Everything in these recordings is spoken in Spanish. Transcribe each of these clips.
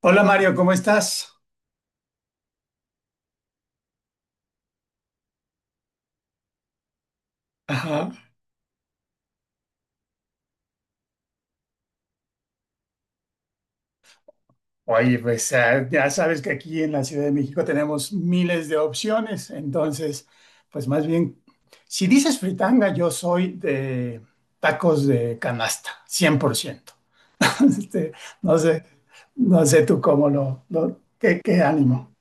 Hola Mario, ¿cómo estás? Ajá. Oye, pues ya sabes que aquí en la Ciudad de México tenemos miles de opciones, entonces, pues más bien, si dices fritanga, yo soy de tacos de canasta, 100%. Este, no sé, no sé tú cómo lo- qué, qué ánimo.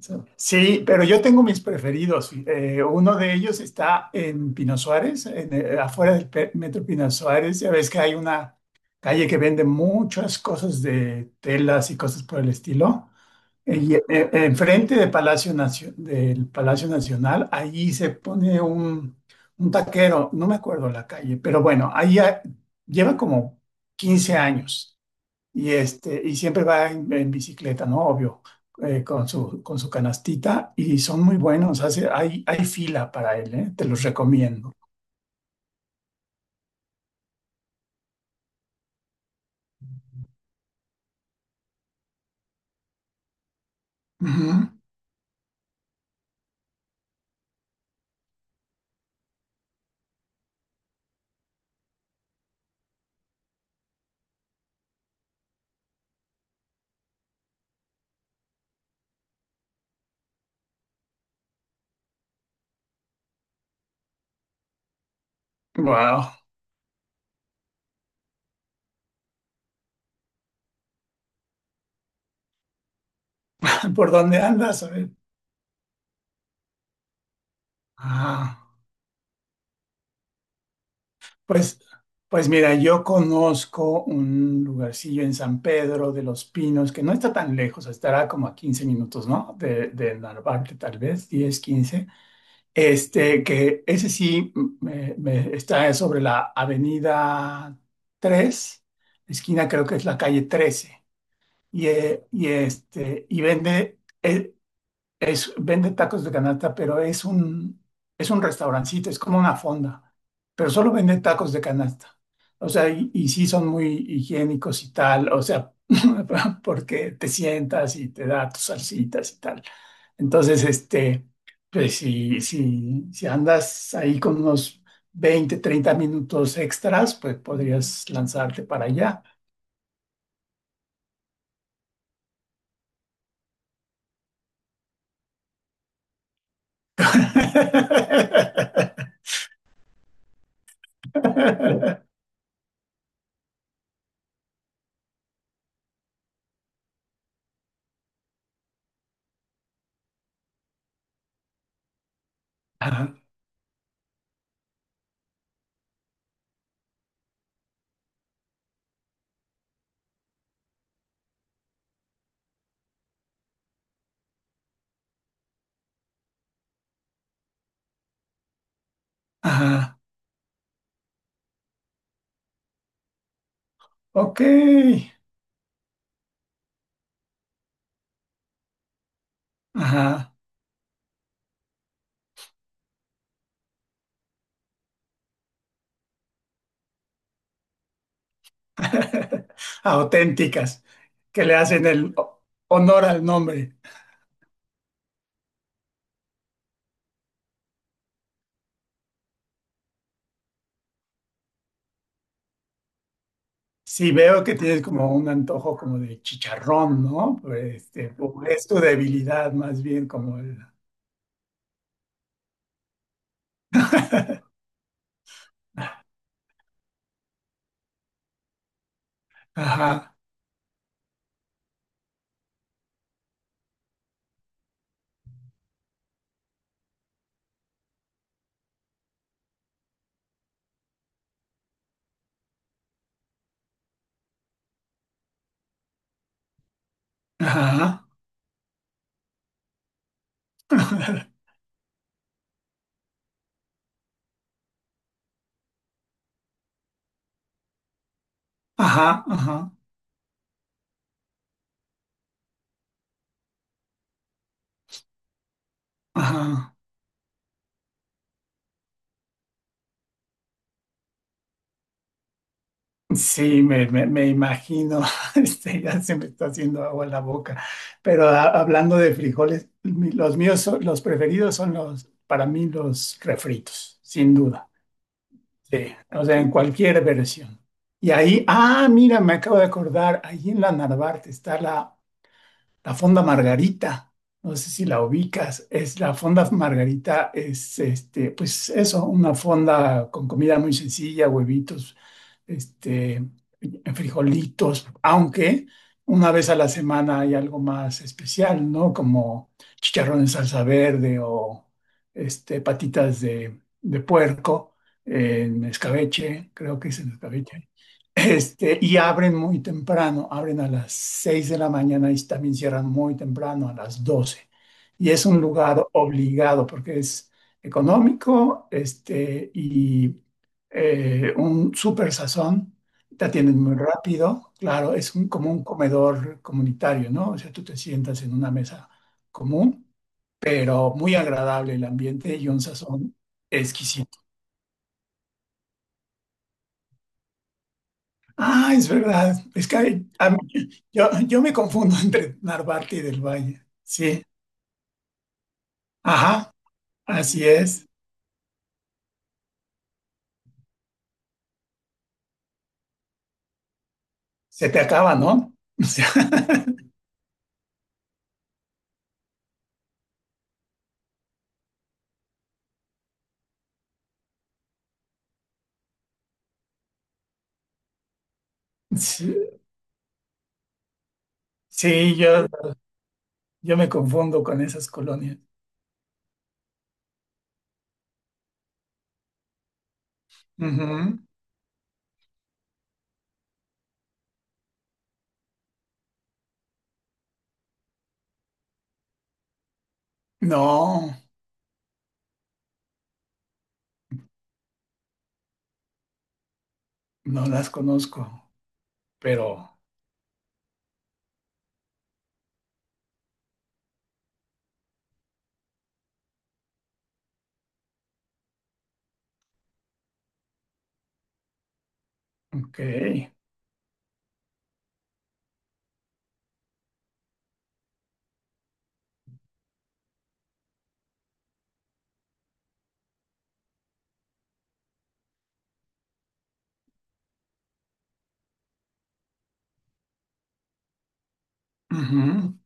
Sí, pero yo tengo mis preferidos. Uno de ellos está en Pino Suárez, afuera del Metro Pino Suárez. Ya ves que hay una calle que vende muchas cosas de telas y cosas por el estilo. Eh, Y eh, Enfrente de del Palacio Nacional, ahí se pone un taquero, no me acuerdo la calle, pero bueno, lleva como 15 años y, y siempre va en bicicleta, ¿no? Obvio, con su canastita y son muy buenos. Hay fila para él, ¿eh? Te los recomiendo. Wow. ¿Por dónde andas? A ver. Ah, pues, pues mira, yo conozco un lugarcillo en San Pedro de los Pinos que no está tan lejos, estará como a 15 minutos, ¿no? De Narvarte, tal vez, 10 15. Que ese sí está sobre la Avenida 3 esquina creo que es la calle 13 y, y vende tacos de canasta, pero es es un restaurancito, es como una fonda, pero solo vende tacos de canasta. O sea, y sí son muy higiénicos y tal, o sea, porque te sientas y te da tus salsitas y tal. Entonces, pues si andas ahí con unos 20 30 minutos extras, pues podrías lanzarte para allá. Ajá, ajá, ok. Ajá. Auténticas, que le hacen el honor al nombre. Si veo que tienes como un antojo como de chicharrón, ¿no? Pues, este, o es tu debilidad más bien como el... Ajá, ajá, ajá, ajá, ajá. Sí, me imagino, este, ya se me está haciendo agua en la boca. Pero hablando de frijoles, los preferidos son los, para mí, los refritos, sin duda. Sí, o sea, en cualquier versión. Y ahí, ah, mira, me acabo de acordar, ahí en la Narvarte está la Fonda Margarita. No sé si la ubicas. Es la Fonda Margarita, es este, pues eso, una fonda con comida muy sencilla, huevitos, este, frijolitos, aunque una vez a la semana hay algo más especial, ¿no? Como chicharrón en salsa verde o este, patitas de puerco en escabeche, creo que es en escabeche. Y abren muy temprano, abren a las 6 de la mañana y también cierran muy temprano, a las 12. Y es un lugar obligado porque es económico, un súper sazón, te atienden muy rápido, claro, es como un comedor comunitario, ¿no? O sea, tú te sientas en una mesa común, pero muy agradable el ambiente y un sazón exquisito. Ah, es verdad, es que hay- a mí- yo me confundo entre Narvarte y del Valle, sí, ajá, así es, se te acaba, ¿no? O sea, sí, sí, yo me confundo con esas colonias. Ujú. No. No las conozco, pero ok. Ujú,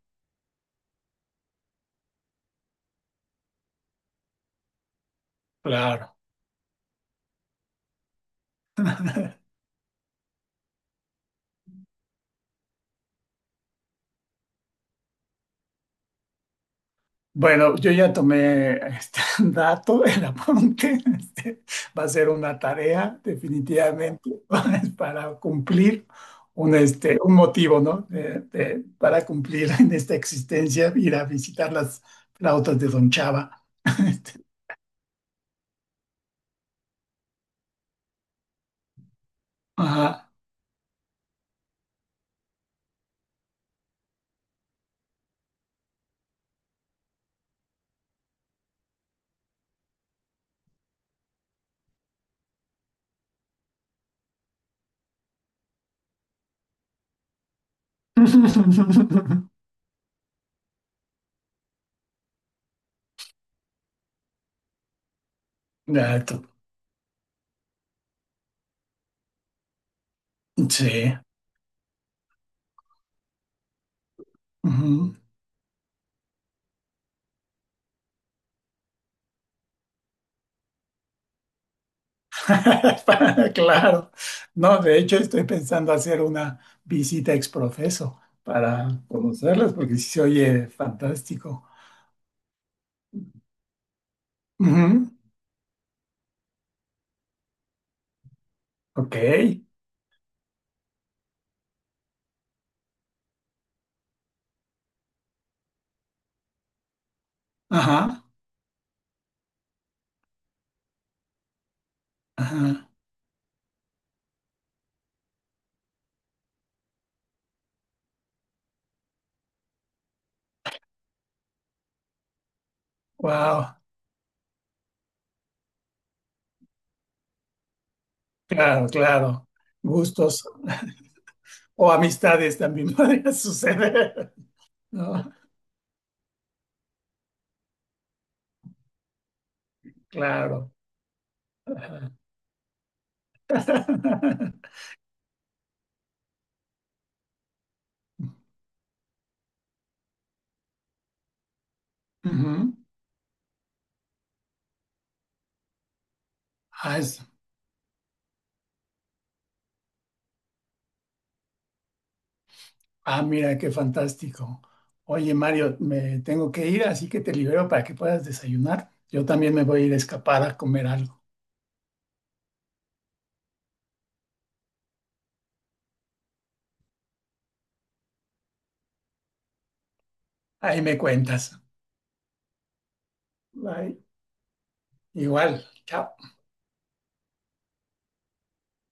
claro. Bueno, yo ya tomé este dato, el apunte. Va a ser una tarea, definitivamente, para cumplir un motivo, ¿no? Para cumplir en esta existencia, ir a visitar las flautas de Don Chava. Este, ajá. Dato. Sí. Ujú. Claro, no, de hecho estoy pensando hacer una visita ex profeso para conocerlas porque sí se oye fantástico. Ujú, Ok, ajá, ajá, wow, claro, claro, gustos o amistades también podría suceder, ¿no? Claro. Ajá. Ujú. Ah, es- Ah, mira, qué fantástico. Oye, Mario, me tengo que ir, así que te libero para que puedas desayunar. Yo también me voy a ir a escapar a comer algo. Ahí me cuentas. Bye. Igual, chao.